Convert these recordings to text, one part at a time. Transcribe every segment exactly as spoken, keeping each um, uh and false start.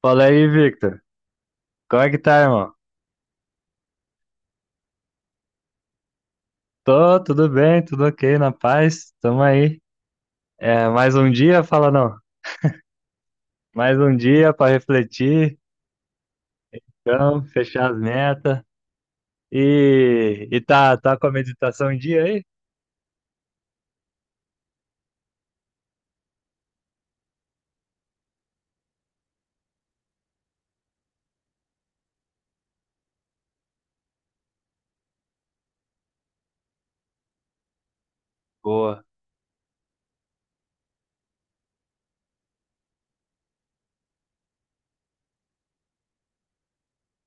Fala aí, Victor. Como é que tá, irmão? Tô, tudo bem, tudo ok, na paz. Tamo aí. É, mais um dia, fala não. Mais um dia pra refletir, então, fechar as metas. E, e tá, tá com a meditação em dia aí? Boa.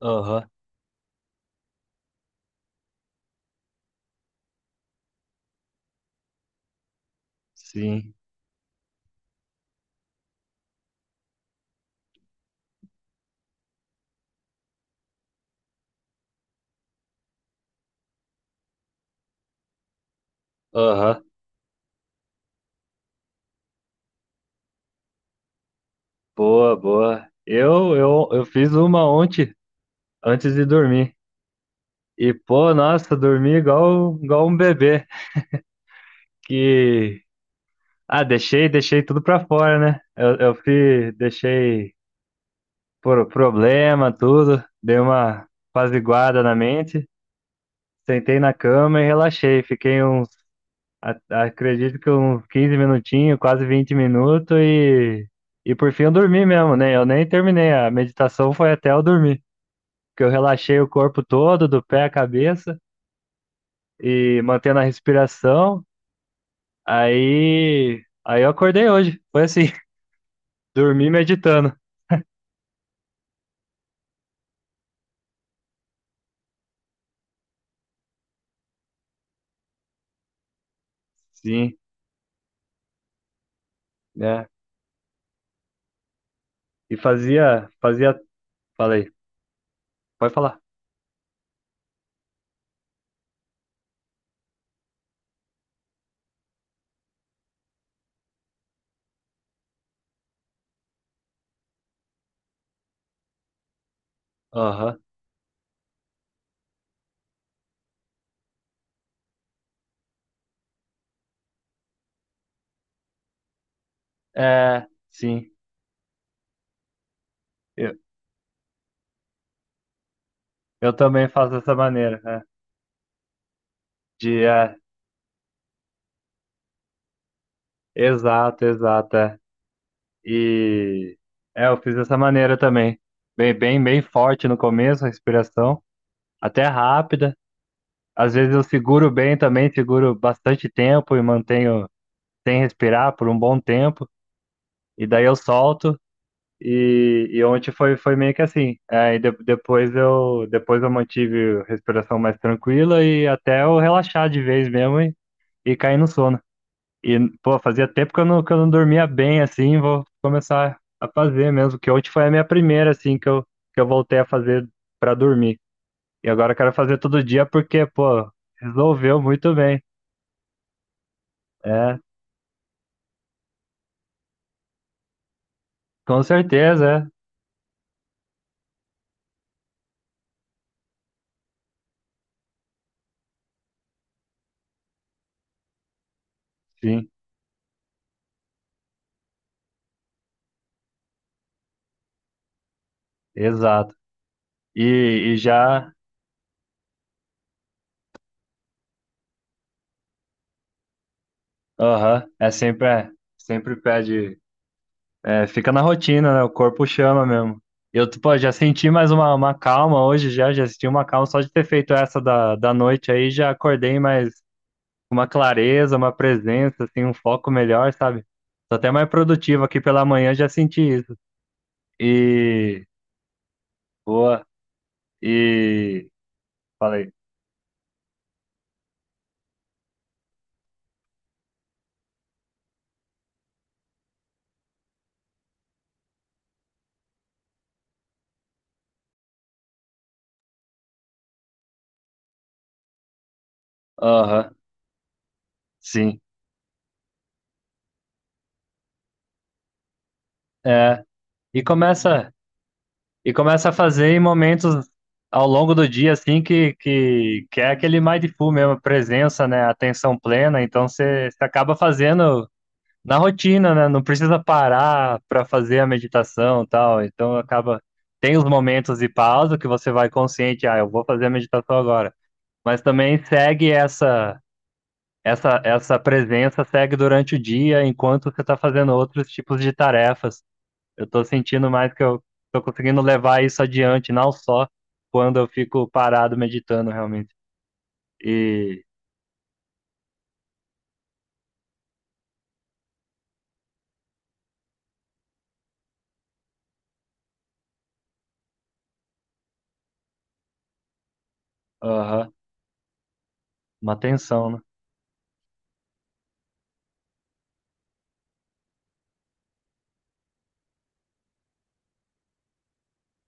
Aham, sim. Aham, boa, boa. Eu, eu, eu fiz uma ontem, antes de dormir. E, pô, nossa, dormi igual, igual um bebê. Que, ah, deixei, deixei tudo pra fora, né? Eu, eu fui, deixei por problema, tudo. Dei uma apaziguada na mente, sentei na cama e relaxei. Fiquei uns, a- acredito que uns quinze minutinhos, quase vinte minutos e, e por fim eu dormi mesmo, né? Eu nem terminei, a meditação foi até eu dormir, que eu relaxei o corpo todo, do pé à cabeça e mantendo a respiração. Aí, aí eu acordei hoje, foi assim, dormi meditando. Sim, né? E fazia, fazia, falei, pode falar. Aham. É, sim. Eu, eu também faço dessa maneira, né? De, é, exato, exato. É. E é, eu fiz dessa maneira também. Bem, bem, bem forte no começo, a respiração, até rápida. Às vezes eu seguro bem também, seguro bastante tempo e mantenho sem respirar por um bom tempo. E daí eu solto. E, e ontem foi, foi meio que assim. É, e de- depois eu, depois eu mantive a respiração mais tranquila e até eu relaxar de vez mesmo e, e cair no sono. E, pô, fazia tempo que eu não, que eu não dormia bem, assim, vou começar a fazer mesmo, que ontem foi a minha primeira, assim, que eu, que eu voltei a fazer pra dormir. E agora eu quero fazer todo dia porque, pô, resolveu muito bem. É, com certeza, é. Sim, exato. E, e já, aham, é sempre, é, sempre pede, é, fica na rotina, né, o corpo chama mesmo. Eu, pô, já senti mais uma, uma calma hoje, já, já senti uma calma só de ter feito essa da, da noite aí, já acordei mais uma clareza, uma presença, assim, um foco melhor, sabe? Tô até mais produtivo aqui pela manhã, já senti isso. E boa. E falei, aham, sim. É, e começa e começa a fazer em momentos ao longo do dia assim que que, que é aquele mindful mesmo, presença, né, atenção plena, então você acaba fazendo na rotina, né? Não precisa parar para fazer a meditação, e tal. Então acaba tem os momentos de pausa que você vai consciente, ah, eu vou fazer a meditação agora. Mas também segue essa essa essa presença segue durante o dia enquanto você está fazendo outros tipos de tarefas. Eu estou sentindo mais que eu estou conseguindo levar isso adiante, não só quando eu fico parado meditando realmente. E aham, uma tensão, né?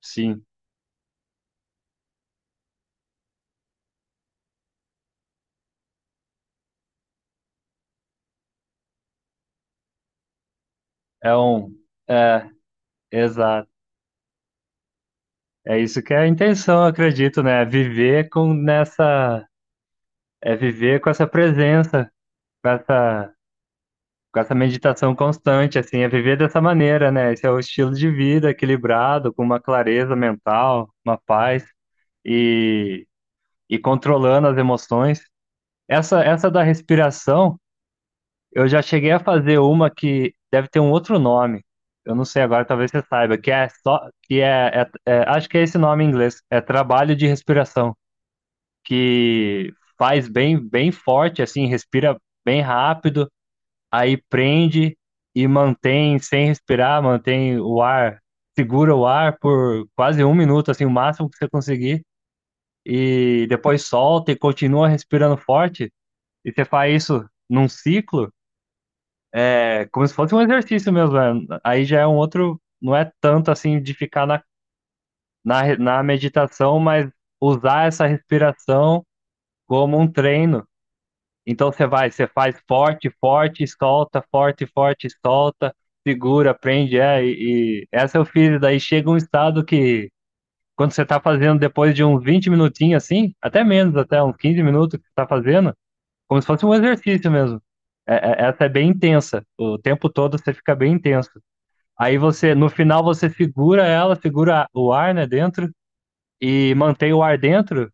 Sim, é um é, exato. É isso que é a intenção, eu acredito, né? É viver com nessa, é viver com essa presença, com essa, com essa meditação constante, assim, é viver dessa maneira, né? Esse é o estilo de vida equilibrado, com uma clareza mental, uma paz e, e controlando as emoções. Essa, essa da respiração, eu já cheguei a fazer uma que deve ter um outro nome. Eu não sei agora, talvez você saiba, que é só, que é, é, é acho que é esse nome em inglês, é trabalho de respiração. Que faz bem, bem forte, assim, respira bem rápido, aí prende e mantém sem respirar, mantém o ar, segura o ar por quase um minuto, assim, o máximo que você conseguir, e depois solta e continua respirando forte, e você faz isso num ciclo, é como se fosse um exercício mesmo, né? Aí já é um outro, não é tanto assim de ficar na, na, na meditação, mas usar essa respiração como um treino. Então você vai, você faz forte, forte, solta, forte, forte, solta, segura, prende, é, e, e essa eu fiz, daí chega um estado que quando você tá fazendo depois de uns vinte minutinhos assim, até menos, até uns quinze minutos que você tá fazendo, como se fosse um exercício mesmo. É- é- essa é bem intensa, o tempo todo você fica bem intenso. Aí você, no final você segura ela, segura o ar, né, dentro, e mantém o ar dentro,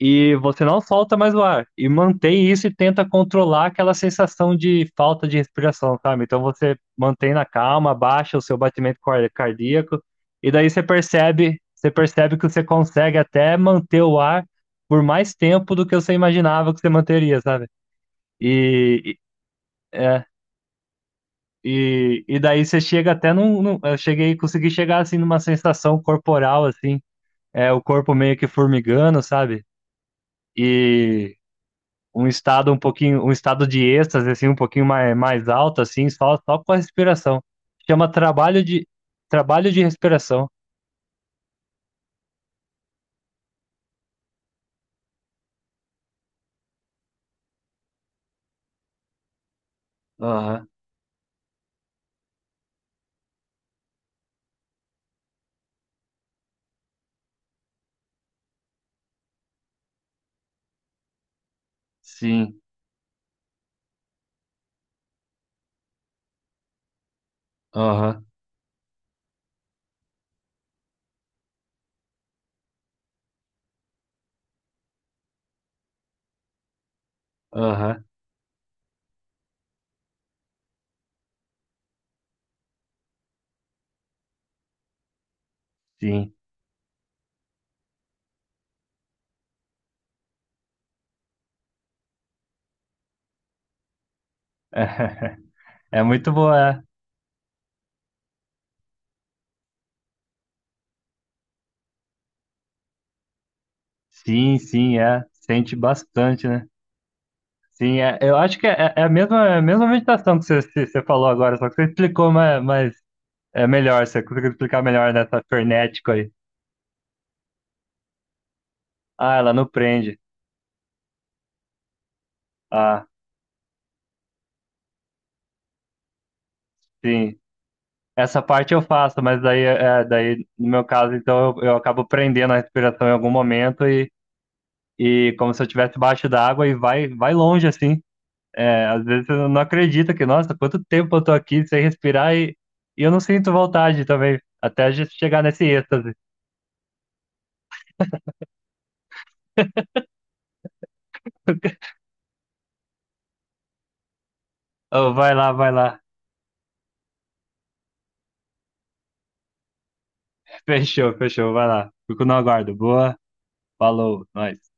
e você não solta mais o ar. E mantém isso e tenta controlar aquela sensação de falta de respiração, sabe? Então você mantém na calma, baixa o seu batimento car- cardíaco, e daí você percebe, você percebe que você consegue até manter o ar por mais tempo do que você imaginava que você manteria, sabe? E, e- é, e, e daí você chega até num, num- eu cheguei, consegui chegar assim numa sensação corporal assim, é o corpo meio que formigando, sabe? E um estado um pouquinho, um estado de êxtase, assim, um pouquinho mais, mais alto, assim, só, só com a respiração. Chama trabalho de, trabalho de respiração. Aham, sim. Aham, aham, sim. É muito boa, é. Sim, sim, é. Sente bastante, né? Sim, é. Eu acho que é, é é a mesma, é a mesma meditação que você, você você falou agora, só que você explicou mas mas é melhor, você conseguiu explicar melhor nessa frenético aí. Ah, ela não prende. Ah, sim. Essa parte eu faço, mas daí, é, daí no meu caso, então eu, eu acabo prendendo a respiração em algum momento e, e como se eu estivesse debaixo d'água e vai, vai longe assim. É, às vezes eu não acredito que, nossa, quanto tempo eu tô aqui sem respirar e, e eu não sinto vontade também, até a gente chegar nesse êxtase. Ô, vai lá, vai lá. Fechou, fechou, vai lá. Fico no aguardo. Boa, falou, nós.